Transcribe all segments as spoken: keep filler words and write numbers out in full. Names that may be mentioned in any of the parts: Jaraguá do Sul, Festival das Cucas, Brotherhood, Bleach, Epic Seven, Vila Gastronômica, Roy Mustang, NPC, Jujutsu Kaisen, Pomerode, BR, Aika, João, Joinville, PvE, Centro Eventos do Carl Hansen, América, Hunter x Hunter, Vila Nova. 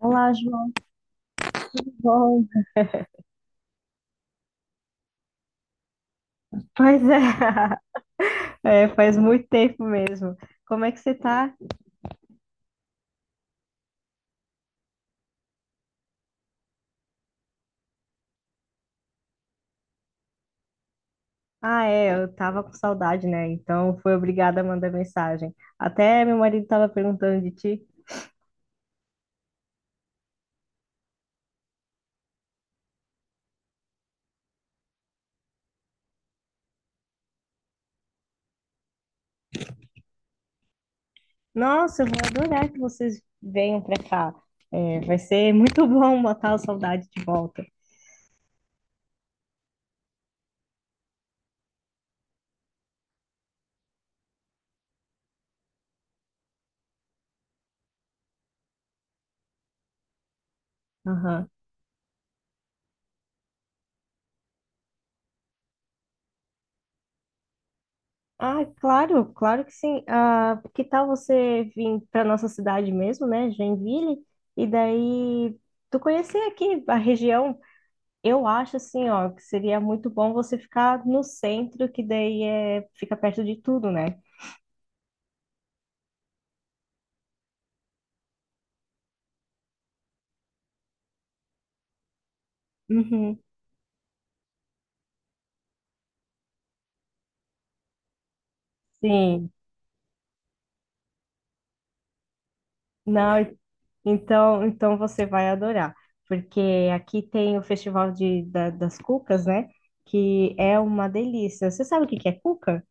Olá, João. Bom. Pois é. É, faz muito tempo mesmo. Como é que você tá? Ah, é, eu tava com saudade, né? Então fui obrigada a mandar mensagem. Até meu marido tava perguntando de ti. Nossa, eu vou adorar que vocês venham pra cá. É, vai ser muito bom matar a saudade de volta. Aham. Ah, claro, claro que sim. Ah, que tal você vir para nossa cidade mesmo, né, Joinville? E daí tu conhecer aqui a região. Eu acho assim, ó, que seria muito bom você ficar no centro, que daí é, fica perto de tudo, né? Uhum. Sim. Não, e- então, então você vai adorar, porque aqui tem o Festival de, da- das Cucas, né? Que é uma delícia. Você sabe o que que é cuca?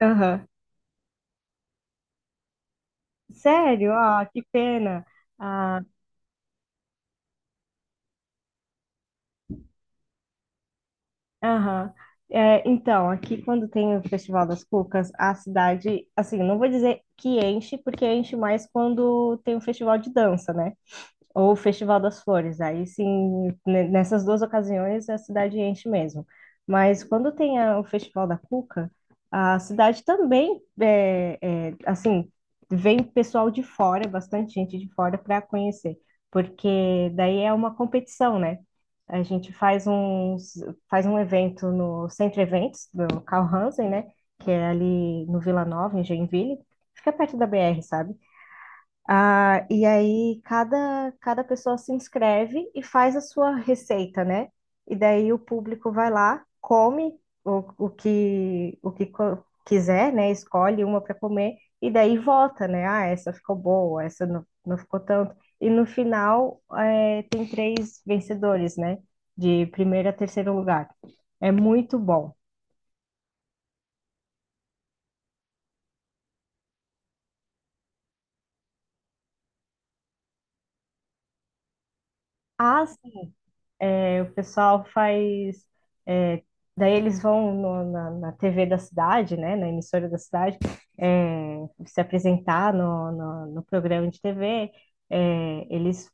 Aham. Sério? Ah, que pena. Ah, aham. É, então, aqui quando tem o Festival das Cucas, a cidade, assim, não vou dizer que enche, porque enche mais quando tem o festival de dança, né? Ou o Festival das Flores. Aí sim, ne- nessas duas ocasiões a cidade enche mesmo. Mas quando tem a- o Festival da Cuca, a cidade também é, é, assim, vem pessoal de fora, bastante gente de fora para conhecer, porque daí é uma competição, né? A gente faz um faz um evento no Centro Eventos do Carl Hansen, né? Que é ali no Vila Nova, em Joinville. Fica perto da B R, sabe? Ah, e aí cada, cada pessoa se inscreve e faz a sua receita, né? E daí o público vai lá, come o, o que, o que co- quiser, né? Escolhe uma para comer e daí vota, né? Ah, essa ficou boa, essa não, não ficou tanto. E no final é, tem três vencedores, né? De primeiro a terceiro lugar. É muito bom. As. O pessoal faz. É, daí eles vão no- na, na T V da cidade, né? Na emissora da cidade, é, se apresentar no, no, no programa de T V. É, eles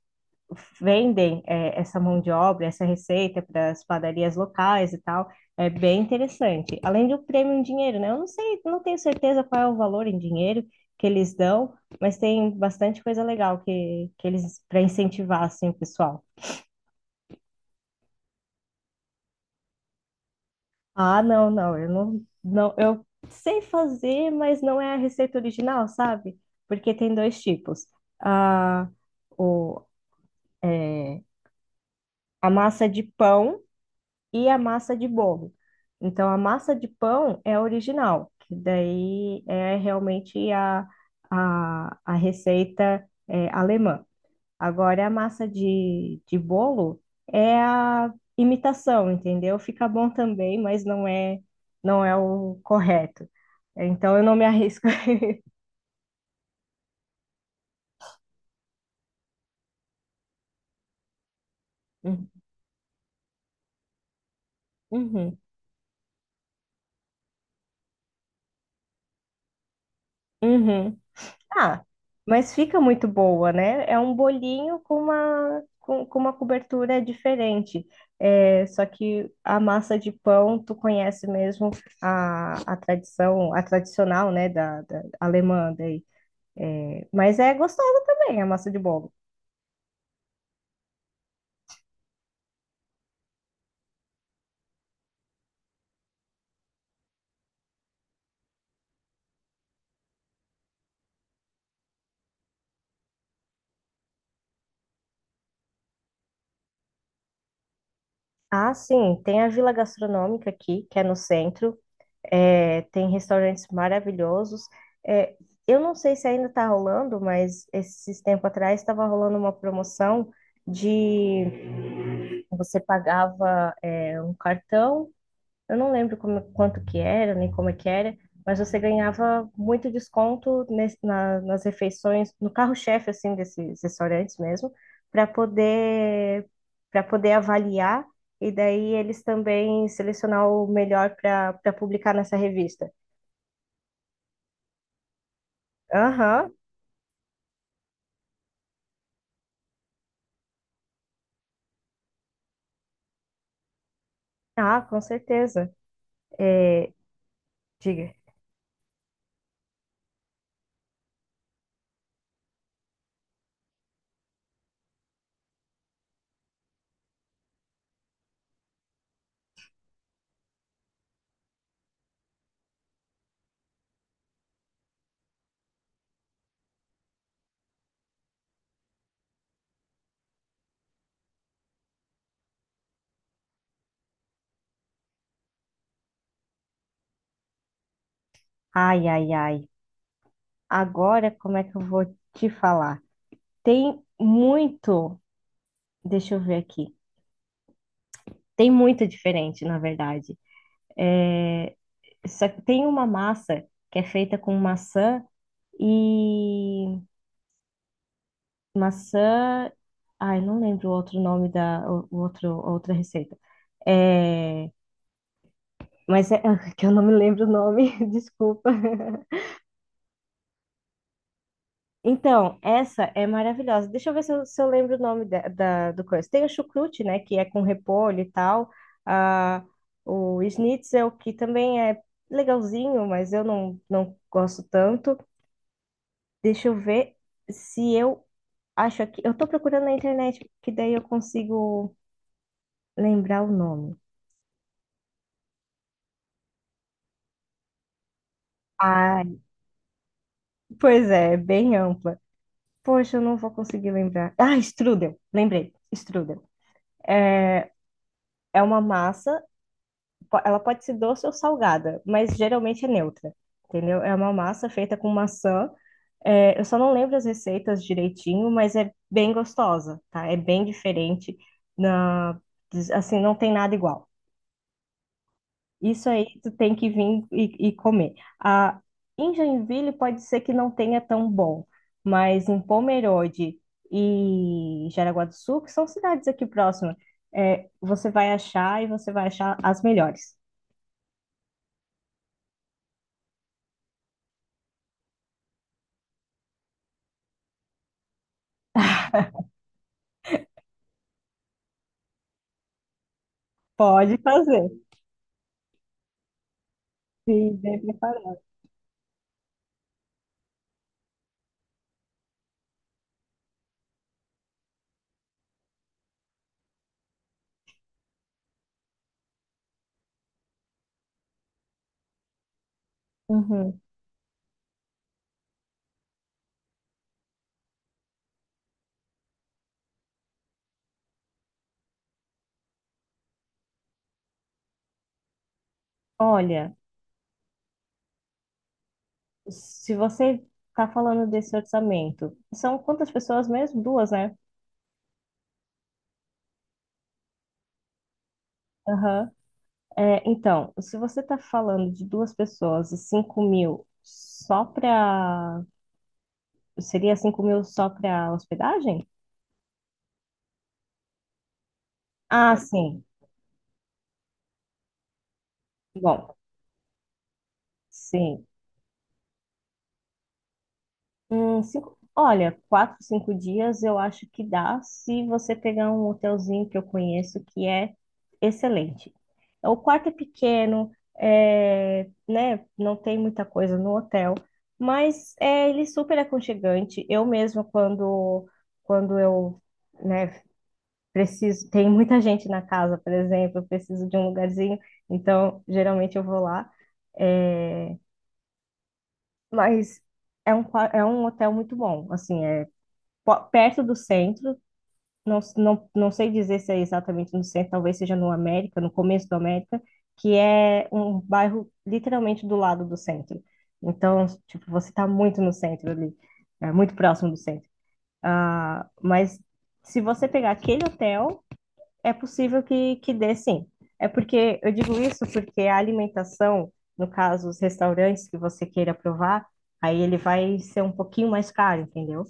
vendem, é, essa mão de obra, essa receita para as padarias locais e tal. É bem interessante. Além do prêmio em dinheiro, né? Eu não sei, não tenho certeza qual é o valor em dinheiro que eles dão, mas tem bastante coisa legal que, que eles para incentivar assim, o pessoal. Ah, não, não, eu não, não, eu sei fazer, mas não é a receita original, sabe? Porque tem dois tipos. A, o, é, a massa de pão e a massa de bolo. Então, a massa de pão é a original, que daí é realmente a, a, a receita é alemã. Agora, a massa de, de bolo é a imitação, entendeu? Fica bom também, mas não é, não é o correto. Então, eu não me arrisco. Uhum, uhum. Uhum. Ah, mas fica muito boa, né? É um bolinho com uma, com, com uma cobertura diferente. É, só que a massa de pão, tu conhece mesmo a, a tradição, a tradicional, né, da, da alemã daí. Mas é gostosa também a massa de bolo. Ah, sim, tem a Vila Gastronômica aqui, que é no centro, é, tem restaurantes maravilhosos. É, eu não sei se ainda está rolando, mas esses tempo atrás estava rolando uma promoção de você pagava, é, um cartão. Eu não lembro como, quanto que era, nem como é que era, mas você ganhava muito desconto nes- na- nas refeições, no carro-chefe, assim, desses restaurantes mesmo, para poder, para poder avaliar e daí eles também selecionar o melhor para para publicar nessa revista. Aham. Ah, com certeza. É, diga. Ai, ai, ai. Agora, como é que eu vou te falar? Tem muito, deixa eu ver aqui. Tem muito diferente, na verdade. É, só que tem uma massa que é feita com maçã e maçã. Ai, não lembro o outro nome da o o outro, a outra receita. É, mas é que eu não me lembro o nome, desculpa. Então, essa é maravilhosa. Deixa eu ver se eu, se eu lembro o nome da, da- do coisa. Tem o chucrute, né, que é com repolho e tal. Ah, o schnitzel, que também é legalzinho, mas eu não, não gosto tanto. Deixa eu ver se eu acho aqui. Eu tô procurando na internet, porque daí eu consigo lembrar o nome. Ai, pois é, é bem ampla. Poxa, eu não vou conseguir lembrar. Ah, strudel, lembrei. Strudel. É É uma massa, po- ela pode ser doce ou salgada, mas geralmente é neutra, entendeu? É uma massa feita com maçã. É, eu só não lembro as receitas direitinho, mas é bem gostosa, tá? É bem diferente. Na, assim, não tem nada igual. Isso aí tu tem que vir e, e comer. Ah, em Joinville pode ser que não tenha tão bom, mas em Pomerode e Jaraguá do Sul, que são cidades aqui próximas, é, você vai achar e você vai achar as melhores. Pode fazer, se bem preparado. Uhum. Olha, se você está falando desse orçamento, são quantas pessoas mesmo? Duas, né? Aham. É, então, se você está falando de duas pessoas e cinco mil só para. Seria cinco mil só para hospedagem? Ah, sim. Bom, sim. Hum, cinco... Olha, quatro, cinco dias eu acho que dá se você pegar um hotelzinho que eu conheço que é excelente. O quarto é pequeno, é, né? Não tem muita coisa no hotel, mas é, ele é super aconchegante. Eu mesma, quando, quando eu, né, preciso, tem muita gente na casa, por exemplo, eu preciso de um lugarzinho, então geralmente eu vou lá. É, mas é um, qua- é um hotel muito bom, assim, é po- perto do centro, não, s- não, não sei dizer se é exatamente no centro, talvez seja no América, no começo do América, que é um bairro literalmente do lado do centro. Então, tipo, você está muito no centro ali, é muito próximo do centro. Ah, mas se você pegar aquele hotel é possível que, que dê, sim. É porque eu digo isso porque a alimentação, no caso, os restaurantes que você queira provar, aí ele vai ser um pouquinho mais caro, entendeu?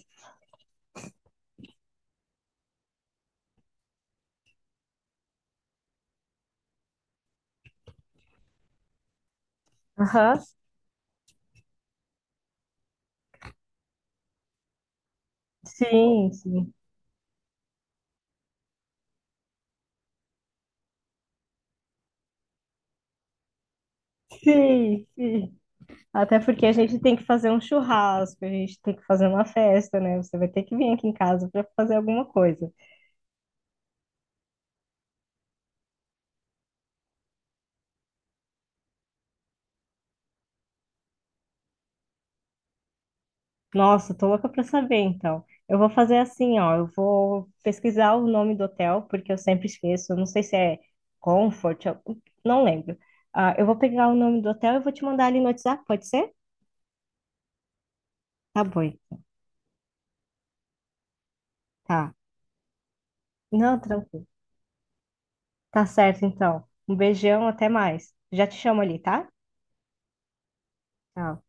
Aham. Sim, sim, sim, sim. Até porque a gente tem que fazer um churrasco, a gente tem que fazer uma festa, né? Você vai ter que vir aqui em casa para fazer alguma coisa. Nossa, tô louca pra saber, então. Eu vou fazer assim, ó, eu vou pesquisar o nome do hotel, porque eu sempre esqueço, eu não sei se é Comfort, eu não lembro. Ah, eu vou pegar o nome do hotel e vou te mandar ali no WhatsApp, pode ser? Tá bom, então. Tá. Não, tranquilo. Tá certo, então. Um beijão, até mais. Já te chamo ali, tá? Tchau.